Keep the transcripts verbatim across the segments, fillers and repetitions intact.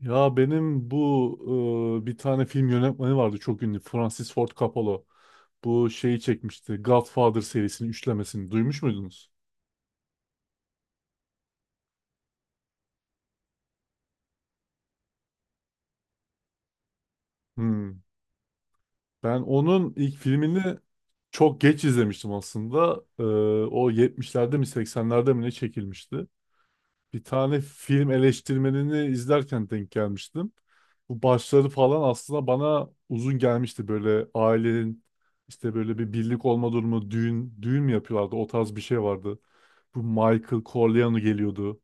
Ya benim bu e, bir tane film yönetmeni vardı çok ünlü. Francis Ford Coppola. Bu şeyi çekmişti. Godfather serisinin üçlemesini. Duymuş muydunuz? Hmm. Ben onun ilk filmini çok geç izlemiştim aslında. E, o yetmişlerde mi seksenlerde mi ne çekilmişti? Bir tane film eleştirmenini izlerken denk gelmiştim. Bu başları falan aslında bana uzun gelmişti. Böyle ailenin işte böyle bir birlik olma durumu, düğün, düğün mü yapıyorlardı? O tarz bir şey vardı. Bu Michael Corleone geliyordu.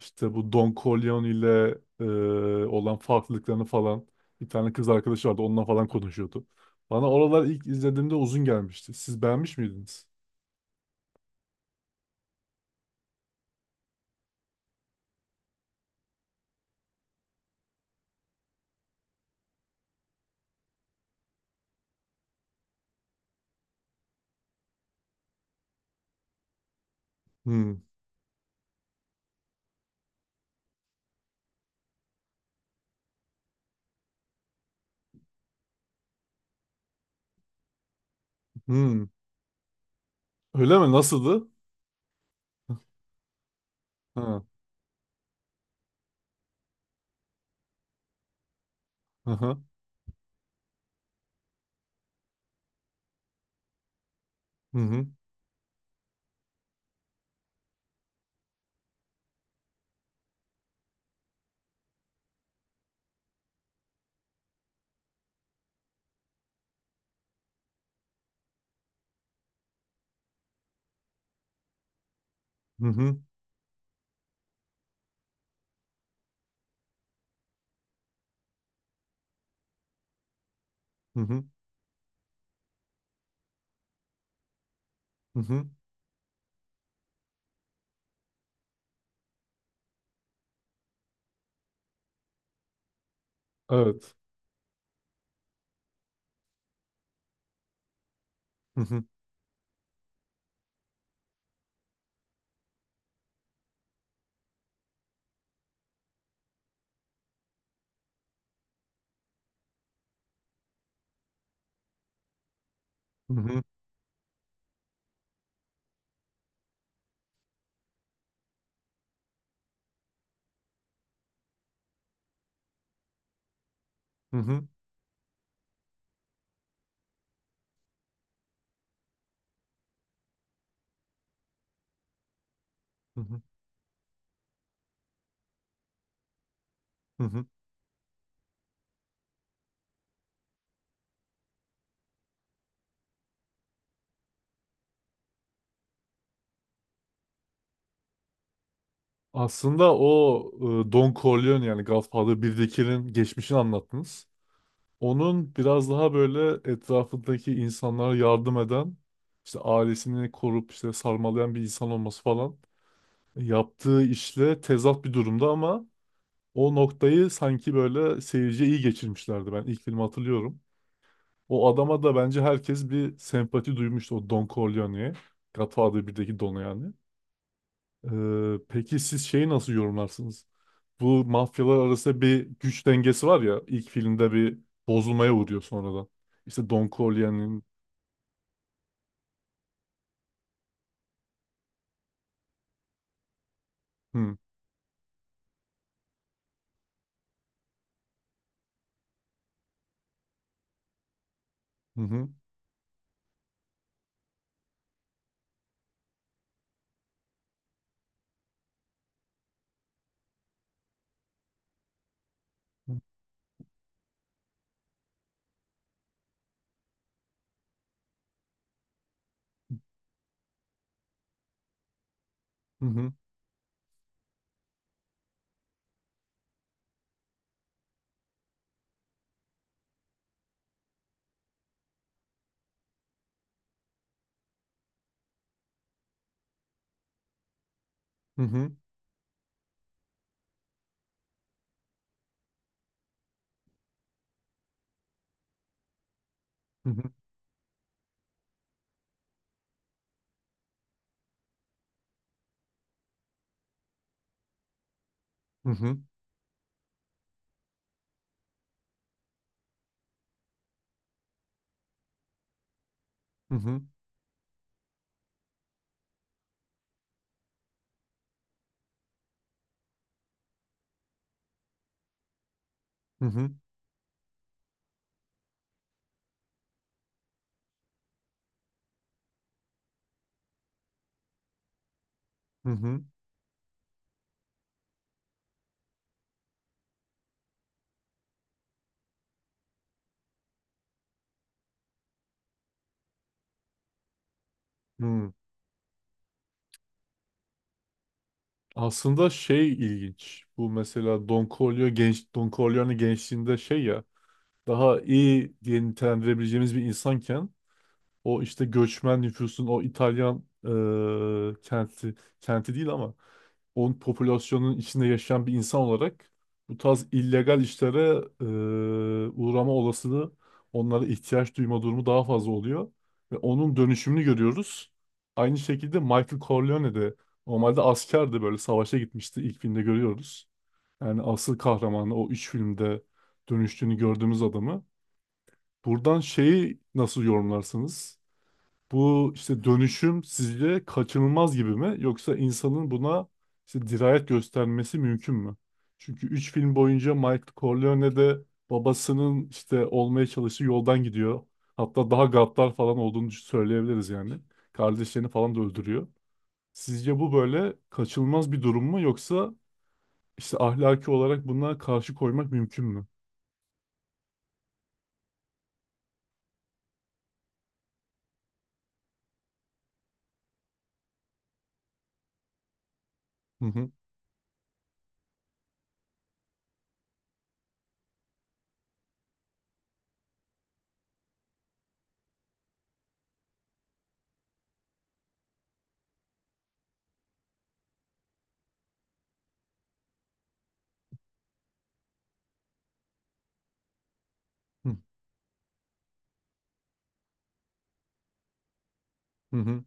İşte bu Don Corleone ile e, olan farklılıklarını falan bir tane kız arkadaşı vardı. Onunla falan konuşuyordu. Bana oralar ilk izlediğimde uzun gelmişti. Siz beğenmiş miydiniz? Hmm, hmm. Öyle mi? Nasıldı? Ha, aha, Hı hı. Hı hı. Hı hı. Hı hı. Evet. Hı hı. Hı hı. Hı hı. Hı hı. Hı hı. Aslında o e, Don Corleone yani Godfather birdekinin geçmişini anlattınız. Onun biraz daha böyle etrafındaki insanlara yardım eden, işte ailesini korup işte sarmalayan bir insan olması falan yaptığı işle tezat bir durumda ama o noktayı sanki böyle seyirciye iyi geçirmişlerdi. Ben ilk filmi hatırlıyorum. O adama da bence herkes bir sempati duymuştu, o Don Corleone'ye. Godfather birdeki Don'a yani. Ee, peki siz şeyi nasıl yorumlarsınız? Bu mafyalar arasında bir güç dengesi var ya, ilk filmde bir bozulmaya uğruyor sonradan. İşte Don Corleone'nin. Hı hı. Hı hı. Hı hı. Hı hı. Hı hı. Hı hı. Hı hı. Hı hı. Aslında şey ilginç. Bu mesela Don Corleone, genç Don Corleone gençliğinde şey ya, daha iyi diye nitelendirebileceğimiz bir insanken o işte göçmen nüfusun o İtalyan e, kenti, kenti değil ama onun popülasyonun içinde yaşayan bir insan olarak bu tarz illegal işlere e, uğrama olasılığı, onlara ihtiyaç duyma durumu daha fazla oluyor ve onun dönüşümünü görüyoruz. Aynı şekilde Michael Corleone de normalde askerdi, böyle savaşa gitmişti, ilk filmde görüyoruz. Yani asıl kahramanı o, üç filmde dönüştüğünü gördüğümüz adamı. Buradan şeyi nasıl yorumlarsınız? Bu işte dönüşüm sizce kaçınılmaz gibi mi? Yoksa insanın buna işte dirayet göstermesi mümkün mü? Çünkü üç film boyunca Michael Corleone de babasının işte olmaya çalıştığı yoldan gidiyor. Hatta daha gaddar falan olduğunu söyleyebiliriz yani. Kardeşlerini falan da öldürüyor. Sizce bu böyle kaçınılmaz bir durum mu? Yoksa işte ahlaki olarak buna karşı koymak mümkün mü? Hı hı. Hı hı.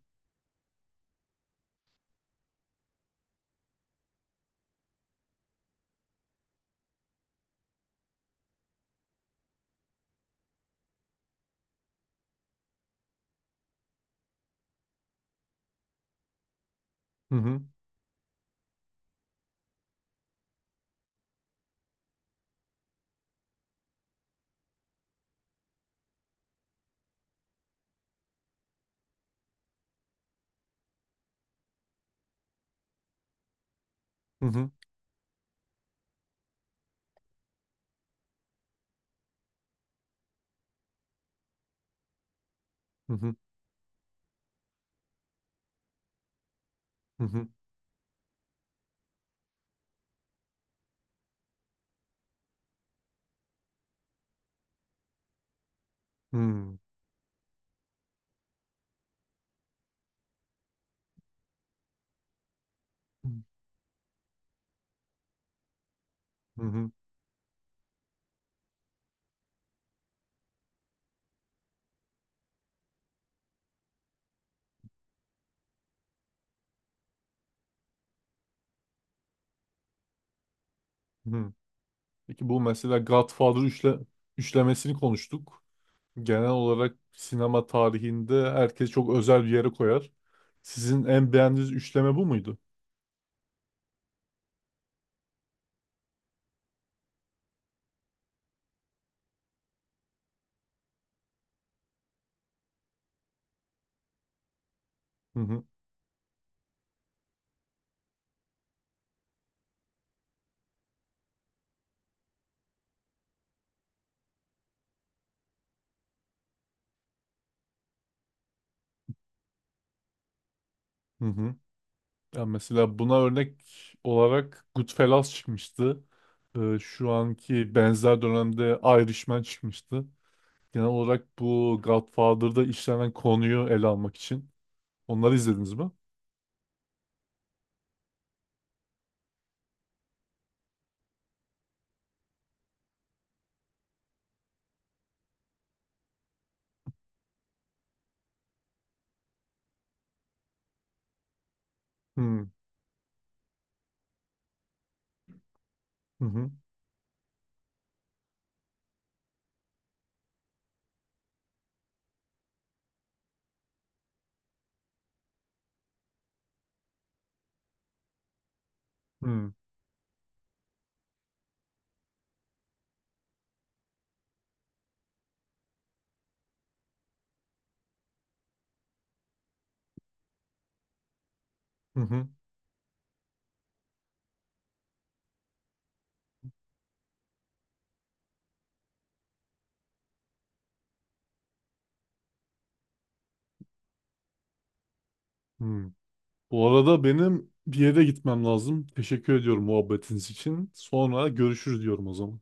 Hı hı. Hı hı. Hı hı. Hı hı. Hmm. Hı hı. Hı. Peki bu mesela Godfather üçle, üçlemesini konuştuk. Genel olarak sinema tarihinde herkes çok özel bir yere koyar. Sizin en beğendiğiniz üçleme bu muydu? Hı hı. Hı hı. Ya mesela buna örnek olarak Goodfellas çıkmıştı. Ee, şu anki benzer dönemde Irishman çıkmıştı. Genel olarak bu Godfather'da işlenen konuyu ele almak için. Onları izlediniz mi? Hı hı. Hı hı. Hı hı. Bu arada benim bir yere gitmem lazım. Teşekkür ediyorum muhabbetiniz için. Sonra görüşürüz diyorum o zaman.